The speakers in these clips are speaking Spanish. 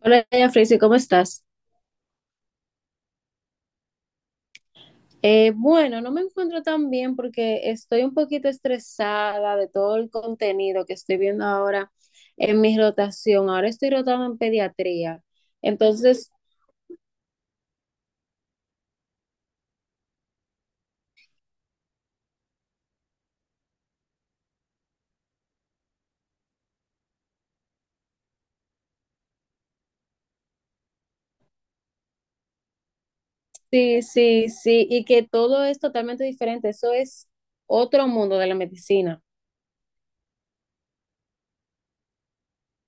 Hola, doña Frisi, ¿cómo estás? Bueno, no me encuentro tan bien porque estoy un poquito estresada de todo el contenido que estoy viendo ahora en mi rotación. Ahora estoy rotando en pediatría. Entonces, sí, sí, sí, y que todo es totalmente diferente. Eso es otro mundo de la medicina.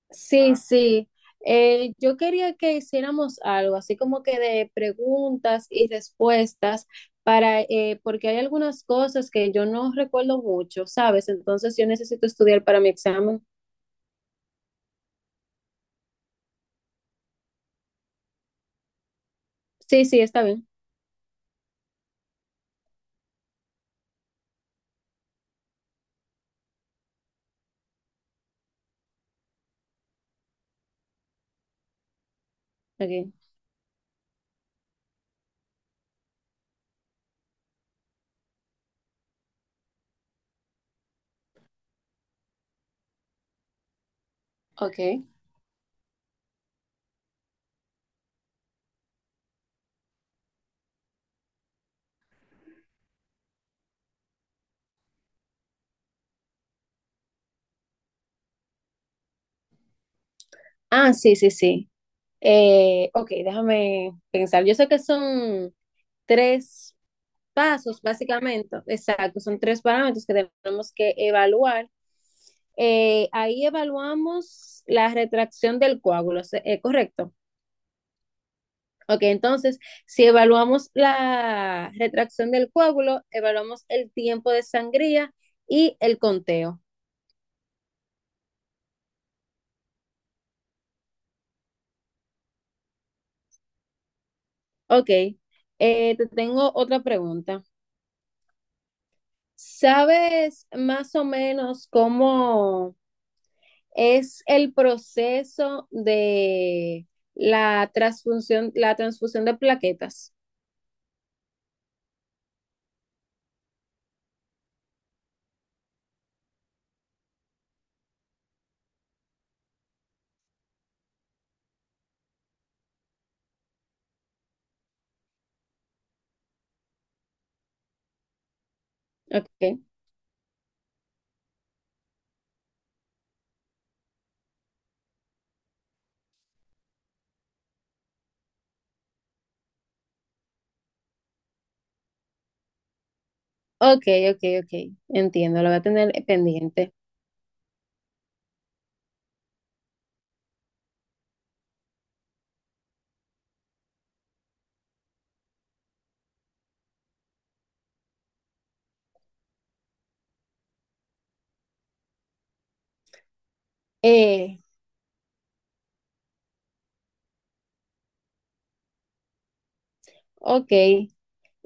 Sí, sí. Yo quería que hiciéramos algo, así como que de preguntas y respuestas para, porque hay algunas cosas que yo no recuerdo mucho, ¿sabes? Entonces yo necesito estudiar para mi examen. Sí, sí, está bien. Ok. Okay. Ah, sí, sí, sí. Ok, déjame pensar. Yo sé que son tres pasos, básicamente, exacto, son tres parámetros que tenemos que evaluar. Ahí evaluamos la retracción del coágulo, ¿correcto? Ok, entonces, si evaluamos la retracción del coágulo, evaluamos el tiempo de sangría y el conteo. Ok, te tengo otra pregunta. ¿Sabes más o menos cómo es el proceso de la transfusión de plaquetas? Ok, ok, ok, ok. Entiendo, lo voy a tener pendiente. Eh, ok.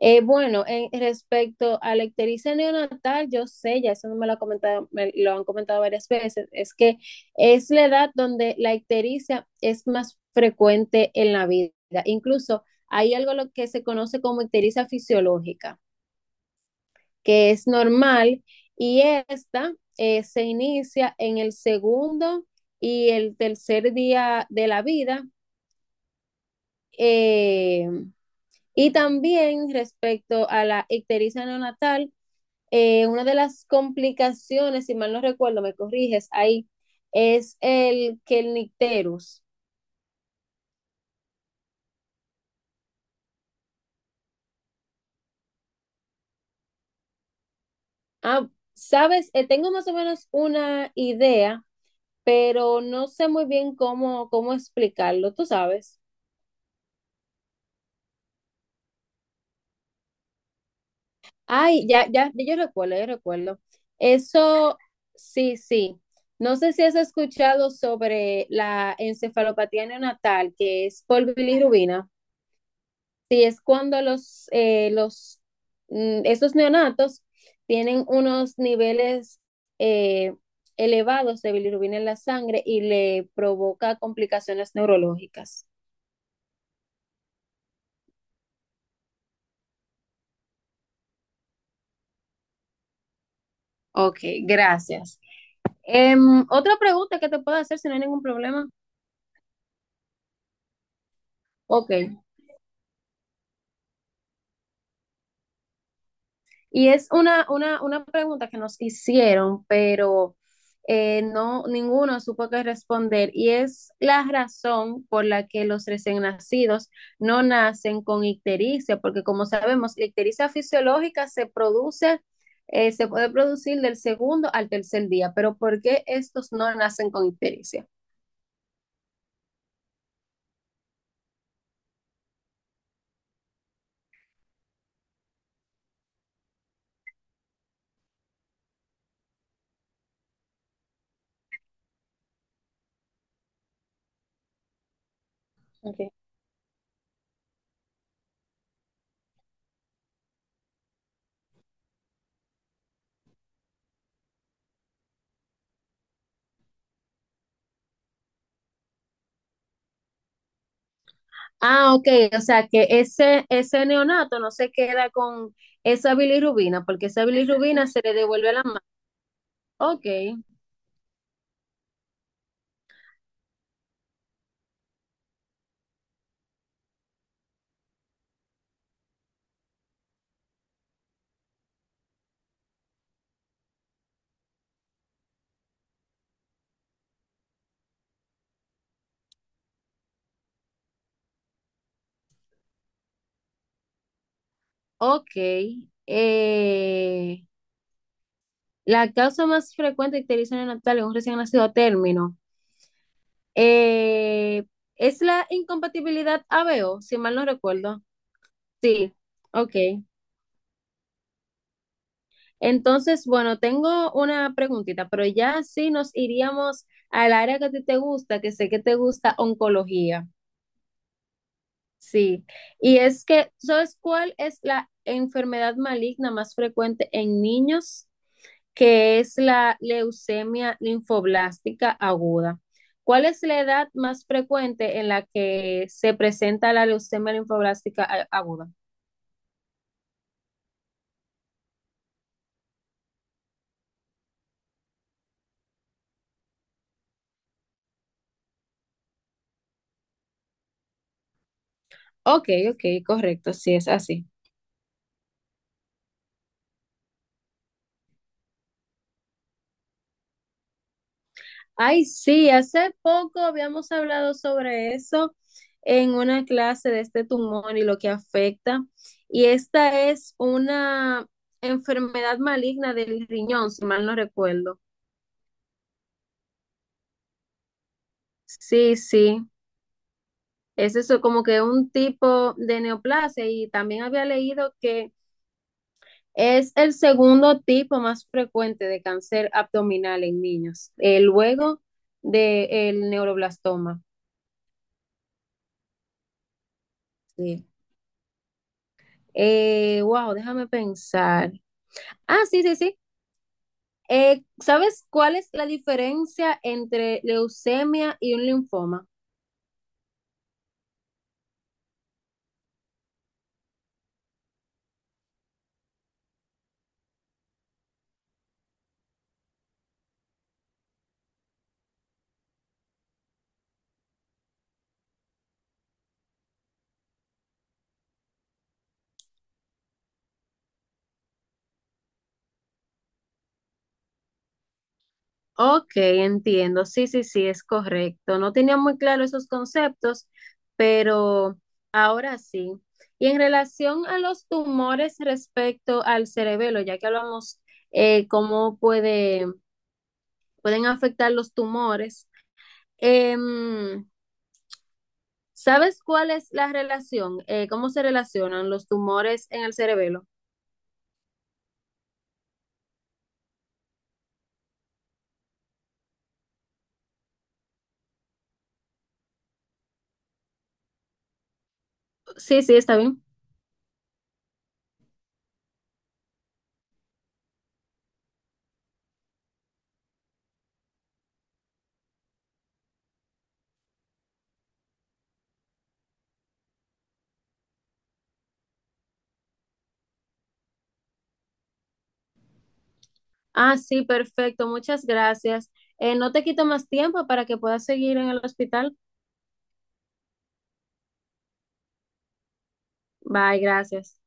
Bueno, en respecto a la ictericia neonatal, yo sé, ya eso no me lo, ha comentado, me lo han comentado varias veces, es que es la edad donde la ictericia es más frecuente en la vida. Incluso hay algo lo que se conoce como ictericia fisiológica, que es normal, y esta se inicia en el segundo y el tercer día de la vida. eh, y también respecto a la ictericia neonatal, una de las complicaciones, si mal no recuerdo, me corriges ahí, es el que el nicterus. Ah, sabes, tengo más o menos una idea, pero no sé muy bien cómo, cómo explicarlo, tú sabes. Ay, ya, ya, yo recuerdo, yo recuerdo. Eso, sí, sí. No sé si has escuchado sobre la encefalopatía neonatal, que es por bilirrubina. Sí, es cuando los, esos neonatos tienen unos niveles eh, elevados de bilirrubina en la sangre y le provoca complicaciones neurológicas. Ok, gracias. Otra pregunta que te puedo hacer si no hay ningún problema. Ok. Y es una pregunta que nos hicieron, pero no, ninguno supo qué responder. Y es la razón por la que los recién nacidos no nacen con ictericia, porque como sabemos, la ictericia fisiológica se produce, se puede producir del segundo al tercer día, pero ¿por qué estos no nacen con ictericia? Okay. Ah, ok, o sea que ese neonato no se queda con esa bilirrubina, porque esa bilirrubina se le devuelve a la madre. Ok. Ok. eh, la causa más frecuente de ictericia neonatal en un recién nacido a término eh, es la incompatibilidad ABO, si mal no recuerdo. Sí, ok. Entonces, bueno, tengo una preguntita, pero ya sí nos iríamos al área que a ti te gusta, que sé que te gusta oncología. Sí. Y es que, ¿sabes cuál es la enfermedad maligna más frecuente en niños? Que es la leucemia linfoblástica aguda. ¿Cuál es la edad más frecuente en la que se presenta la leucemia linfoblástica aguda? Ok, ok, correcto, sí es así. Ay, sí, hace poco habíamos hablado sobre eso en una clase de este tumor y lo que afecta. Y esta es una enfermedad maligna del riñón, si mal no recuerdo. Sí, sí. Es eso, como que un tipo de neoplasia y también había leído que es el segundo tipo más frecuente de cáncer abdominal en niños, luego del neuroblastoma. Sí. Wow, Déjame pensar. Ah, sí, sí, sí. ¿Sabes cuál es la diferencia entre leucemia y un linfoma? Ok, entiendo. Sí, sí, sí, es correcto. No tenía muy claro esos conceptos, pero ahora sí. Y en relación a los tumores respecto al cerebelo, ya que hablamos cómo puede, pueden afectar los tumores, em, ¿sabes cuál es la relación? ¿Cómo se relacionan los tumores en el cerebelo? Sí, sí, está bien. Ah, sí, perfecto. Muchas gracias. No te quito más tiempo para que puedas seguir en el hospital. Bye, gracias.